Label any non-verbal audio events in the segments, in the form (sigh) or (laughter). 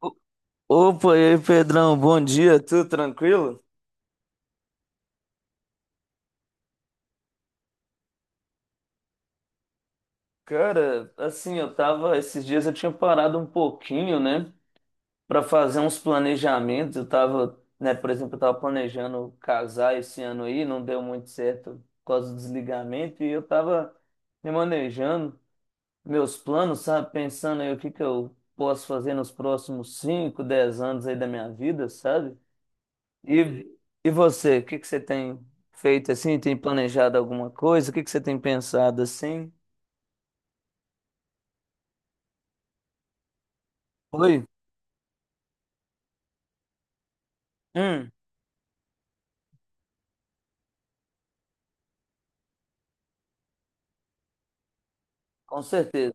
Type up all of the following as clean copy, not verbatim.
O- Opa, e aí, Pedrão, bom dia, tudo tranquilo? Cara, assim, eu tava, esses dias eu tinha parado um pouquinho, né, pra fazer uns planejamentos. Eu tava, né, por exemplo, eu tava planejando casar esse ano aí, não deu muito certo por causa do desligamento, e eu tava me manejando meus planos, sabe? Pensando aí o que que eu posso fazer nos próximos 5, 10 anos aí da minha vida, sabe? E, e você, o que que você tem feito assim? Tem planejado alguma coisa? O que que você tem pensado assim? Oi? Hum, com certeza.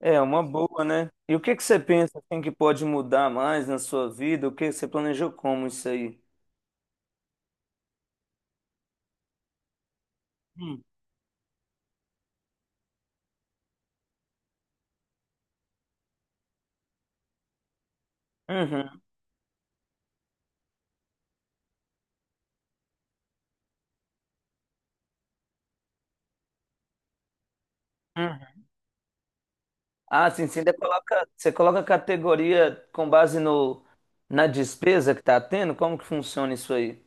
É uma boa, né? E o que que você pensa assim, que pode mudar mais na sua vida? O que você planejou como isso aí? Hum. Uhum, uhum. Ah, sim, sim. Você coloca a categoria com base no, na despesa que está tendo? Como que funciona isso aí?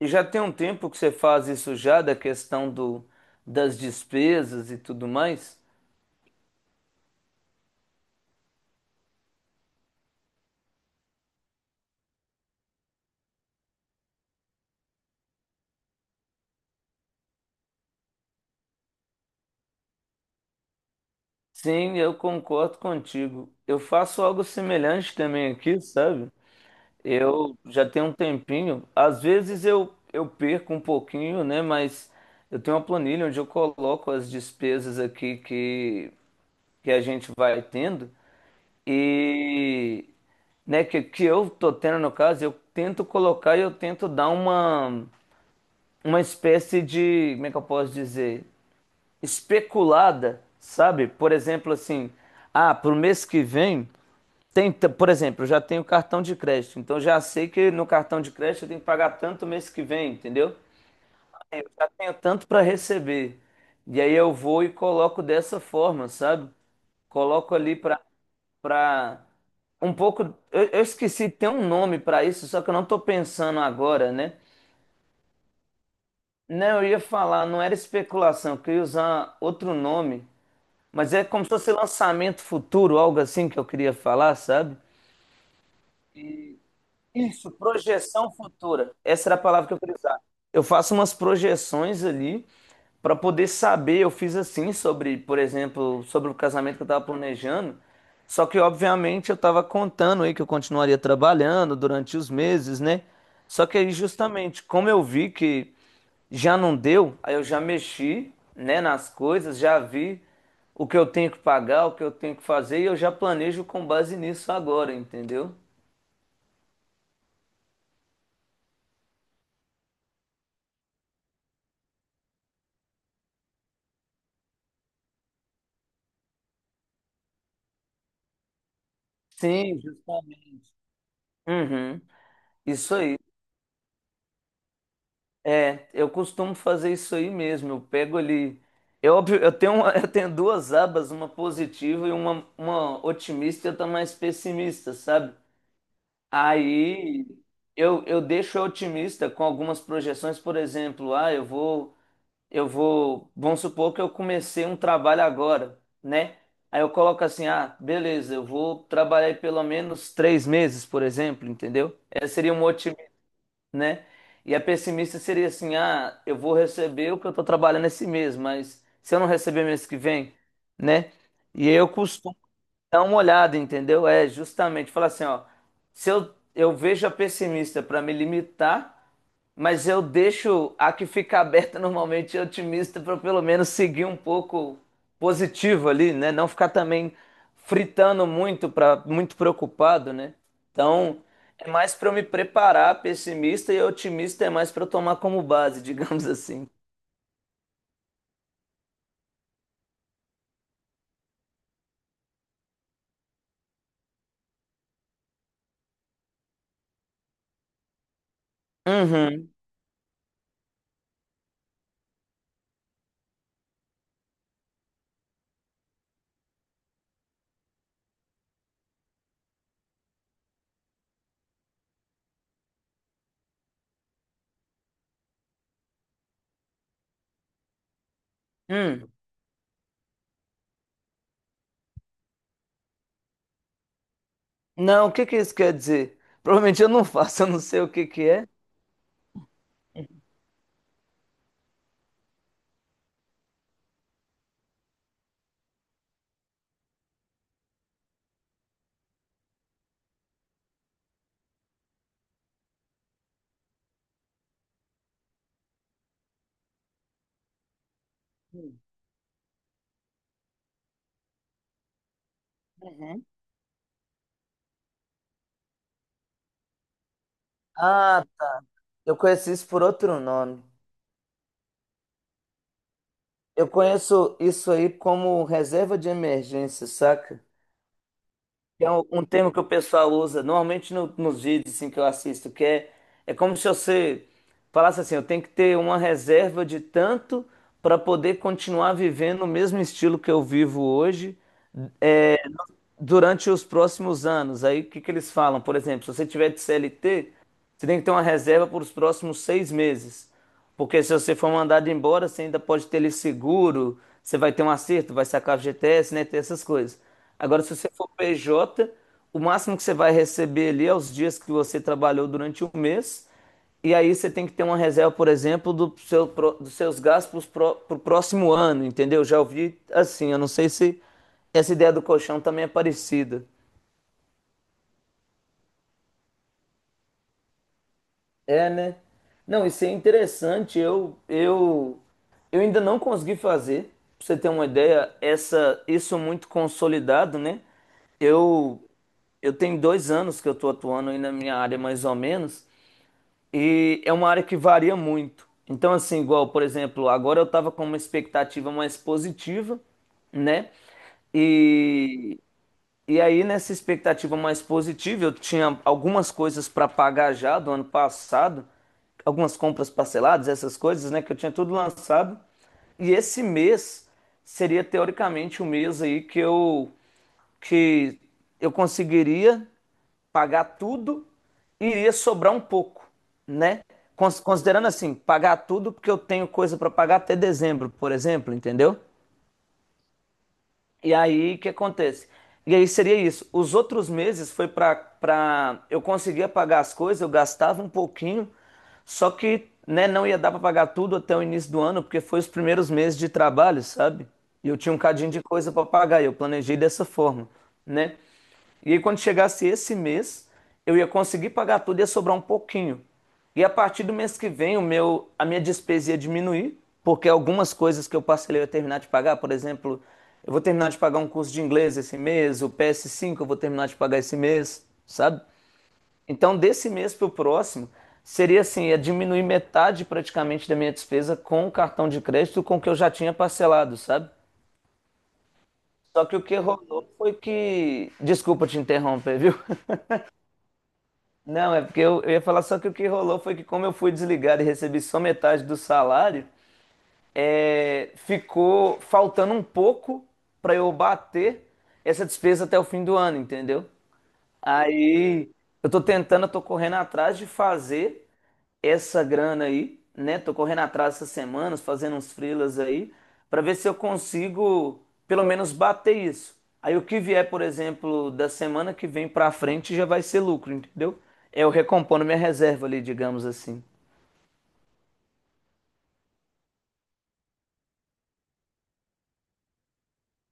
E já tem um tempo que você faz isso já, da questão das despesas e tudo mais? Sim, eu concordo contigo. Eu faço algo semelhante também aqui, sabe? Eu já tenho um tempinho. Às vezes eu perco um pouquinho, né? Mas eu tenho uma planilha onde eu coloco as despesas aqui que a gente vai tendo. E, né, que eu tô tendo no caso, eu tento colocar e eu tento dar uma espécie de, como é que eu posso dizer, especulada, sabe? Por exemplo, assim, ah, pro mês que vem por exemplo, eu já tenho cartão de crédito, então já sei que no cartão de crédito eu tenho que pagar tanto mês que vem, entendeu? Aí eu já tenho tanto para receber. E aí eu vou e coloco dessa forma, sabe? Coloco ali para um pouco, eu esqueci, tem um nome para isso, só que eu não tô pensando agora, né? Não, eu ia falar, não era especulação, que eu queria usar outro nome, mas é como se fosse lançamento futuro, algo assim que eu queria falar, sabe? E- Isso, projeção futura. Essa era a palavra que eu queria usar. Eu faço umas projeções ali pra poder saber, eu fiz assim sobre, por exemplo, sobre o casamento que eu tava planejando. Só que, obviamente, eu tava contando aí que eu continuaria trabalhando durante os meses, né? Só que aí, justamente, como eu vi que já não deu, aí eu já mexi, né, nas coisas, já vi o que eu tenho que pagar, o que eu tenho que fazer, e eu já planejo com base nisso agora, entendeu? Sim, uhum, isso aí. É, eu costumo fazer isso aí mesmo. Eu pego ali. É óbvio, (laughs) eu tenho duas abas, uma positiva e uma otimista e outra mais pessimista, sabe? Aí eu deixo a otimista com algumas projeções, por exemplo, ah, eu vou, vamos supor que eu comecei um trabalho agora, né? Aí eu coloco assim, ah, beleza, eu vou trabalhar aí pelo menos 3 meses, por exemplo, entendeu? Essa seria uma, né? E a pessimista seria assim: ah, eu vou receber o que eu tô trabalhando esse mês, mas se eu não receber mês que vem, né? E eu costumo dar uma olhada, entendeu? É justamente falar assim: ó, se eu vejo a pessimista para me limitar. Mas eu deixo a que fica aberta (laughs) normalmente otimista para pelo menos seguir um pouco positivo ali, né? Não ficar também fritando muito para muito preocupado, né? Então, é mais para eu me preparar, pessimista e otimista é mais para eu tomar como base, (laughs) digamos assim. Uhum. Hum. Não, o que que isso quer dizer? Provavelmente eu não faço, (laughs) eu não sei o que que é. Ah, eu conheço isso por outro nome. Eu conheço isso aí como reserva de emergência, saca? É um termo que o pessoal usa, normalmente nos vídeos assim, que eu assisto, que é como se você falasse assim, eu tenho que ter uma reserva de tanto para poder continuar vivendo o mesmo estilo que eu vivo hoje, eh, durante os próximos anos. Aí o que que eles falam? Por exemplo, se você tiver de CLT, você tem que ter uma reserva por os próximos 6 meses. Porque se você for mandado embora, você ainda pode ter ele seguro, você vai ter um acerto, vai sacar FGTS, né? Ter essas coisas. Agora, se você for PJ, o máximo que você vai receber ali é os dias que você trabalhou durante um mês e aí você tem que ter uma reserva, por exemplo, dos seus gastos para o próximo ano, entendeu? Já ouvi assim, eu não sei se essa ideia do colchão também é parecida. É, né? Não, isso é interessante. Eu ainda não consegui fazer, pra você ter uma ideia, isso muito consolidado, né? Eu, eu tenho 2 anos que eu tô atuando aí na minha área, mais ou menos. E é uma área que varia muito. Então, assim, igual, por exemplo, agora eu estava com uma expectativa mais positiva, né? Uhum. E e aí, nessa expectativa mais positiva, eu tinha algumas coisas para pagar já do ano passado, algumas compras parceladas, essas coisas, né, que eu tinha tudo lançado. E esse mês seria teoricamente o mês aí que eu conseguiria pagar tudo e iria sobrar um pouco, né? Considerando assim, pagar tudo porque eu tenho coisa para pagar até dezembro, por exemplo, entendeu? E aí, o que acontece? E aí seria isso. Os outros meses foi para eu conseguia pagar as coisas, eu gastava um pouquinho, só que, né, não ia dar para pagar tudo até o início do ano, porque foi os primeiros meses de trabalho, sabe? E eu tinha um cadinho de coisa para pagar, e eu planejei dessa forma, né? E aí, quando chegasse esse mês, eu ia conseguir pagar tudo e ia sobrar um pouquinho. E a partir do mês que vem, a minha despesa ia diminuir, porque algumas coisas que eu parcelei eu ia terminar de pagar. Por exemplo, eu vou terminar de pagar um curso de inglês esse mês, o PS5 eu vou terminar de pagar esse mês, sabe? Então, desse mês para o próximo, seria assim, ia diminuir metade praticamente da minha despesa com o cartão de crédito com o que eu já tinha parcelado, sabe? Só que o que rolou foi que. Desculpa te interromper, viu? (laughs) Não, é porque eu ia falar só que o que rolou foi que como eu fui desligado e recebi só metade do salário, é, ficou faltando um pouco para eu bater essa despesa até o fim do ano, entendeu? Aí eu tô tentando, eu tô correndo atrás de fazer essa grana aí, né? Tô correndo atrás essas semanas, fazendo uns freelas aí, pra ver se eu consigo pelo menos bater isso. Aí o que vier, por exemplo, da semana que vem pra frente já vai ser lucro, entendeu? É, eu recompondo minha reserva ali, digamos assim.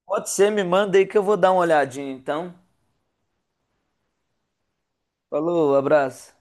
Pode ser, me manda aí que eu vou dar uma olhadinha, então. Falou, abraço.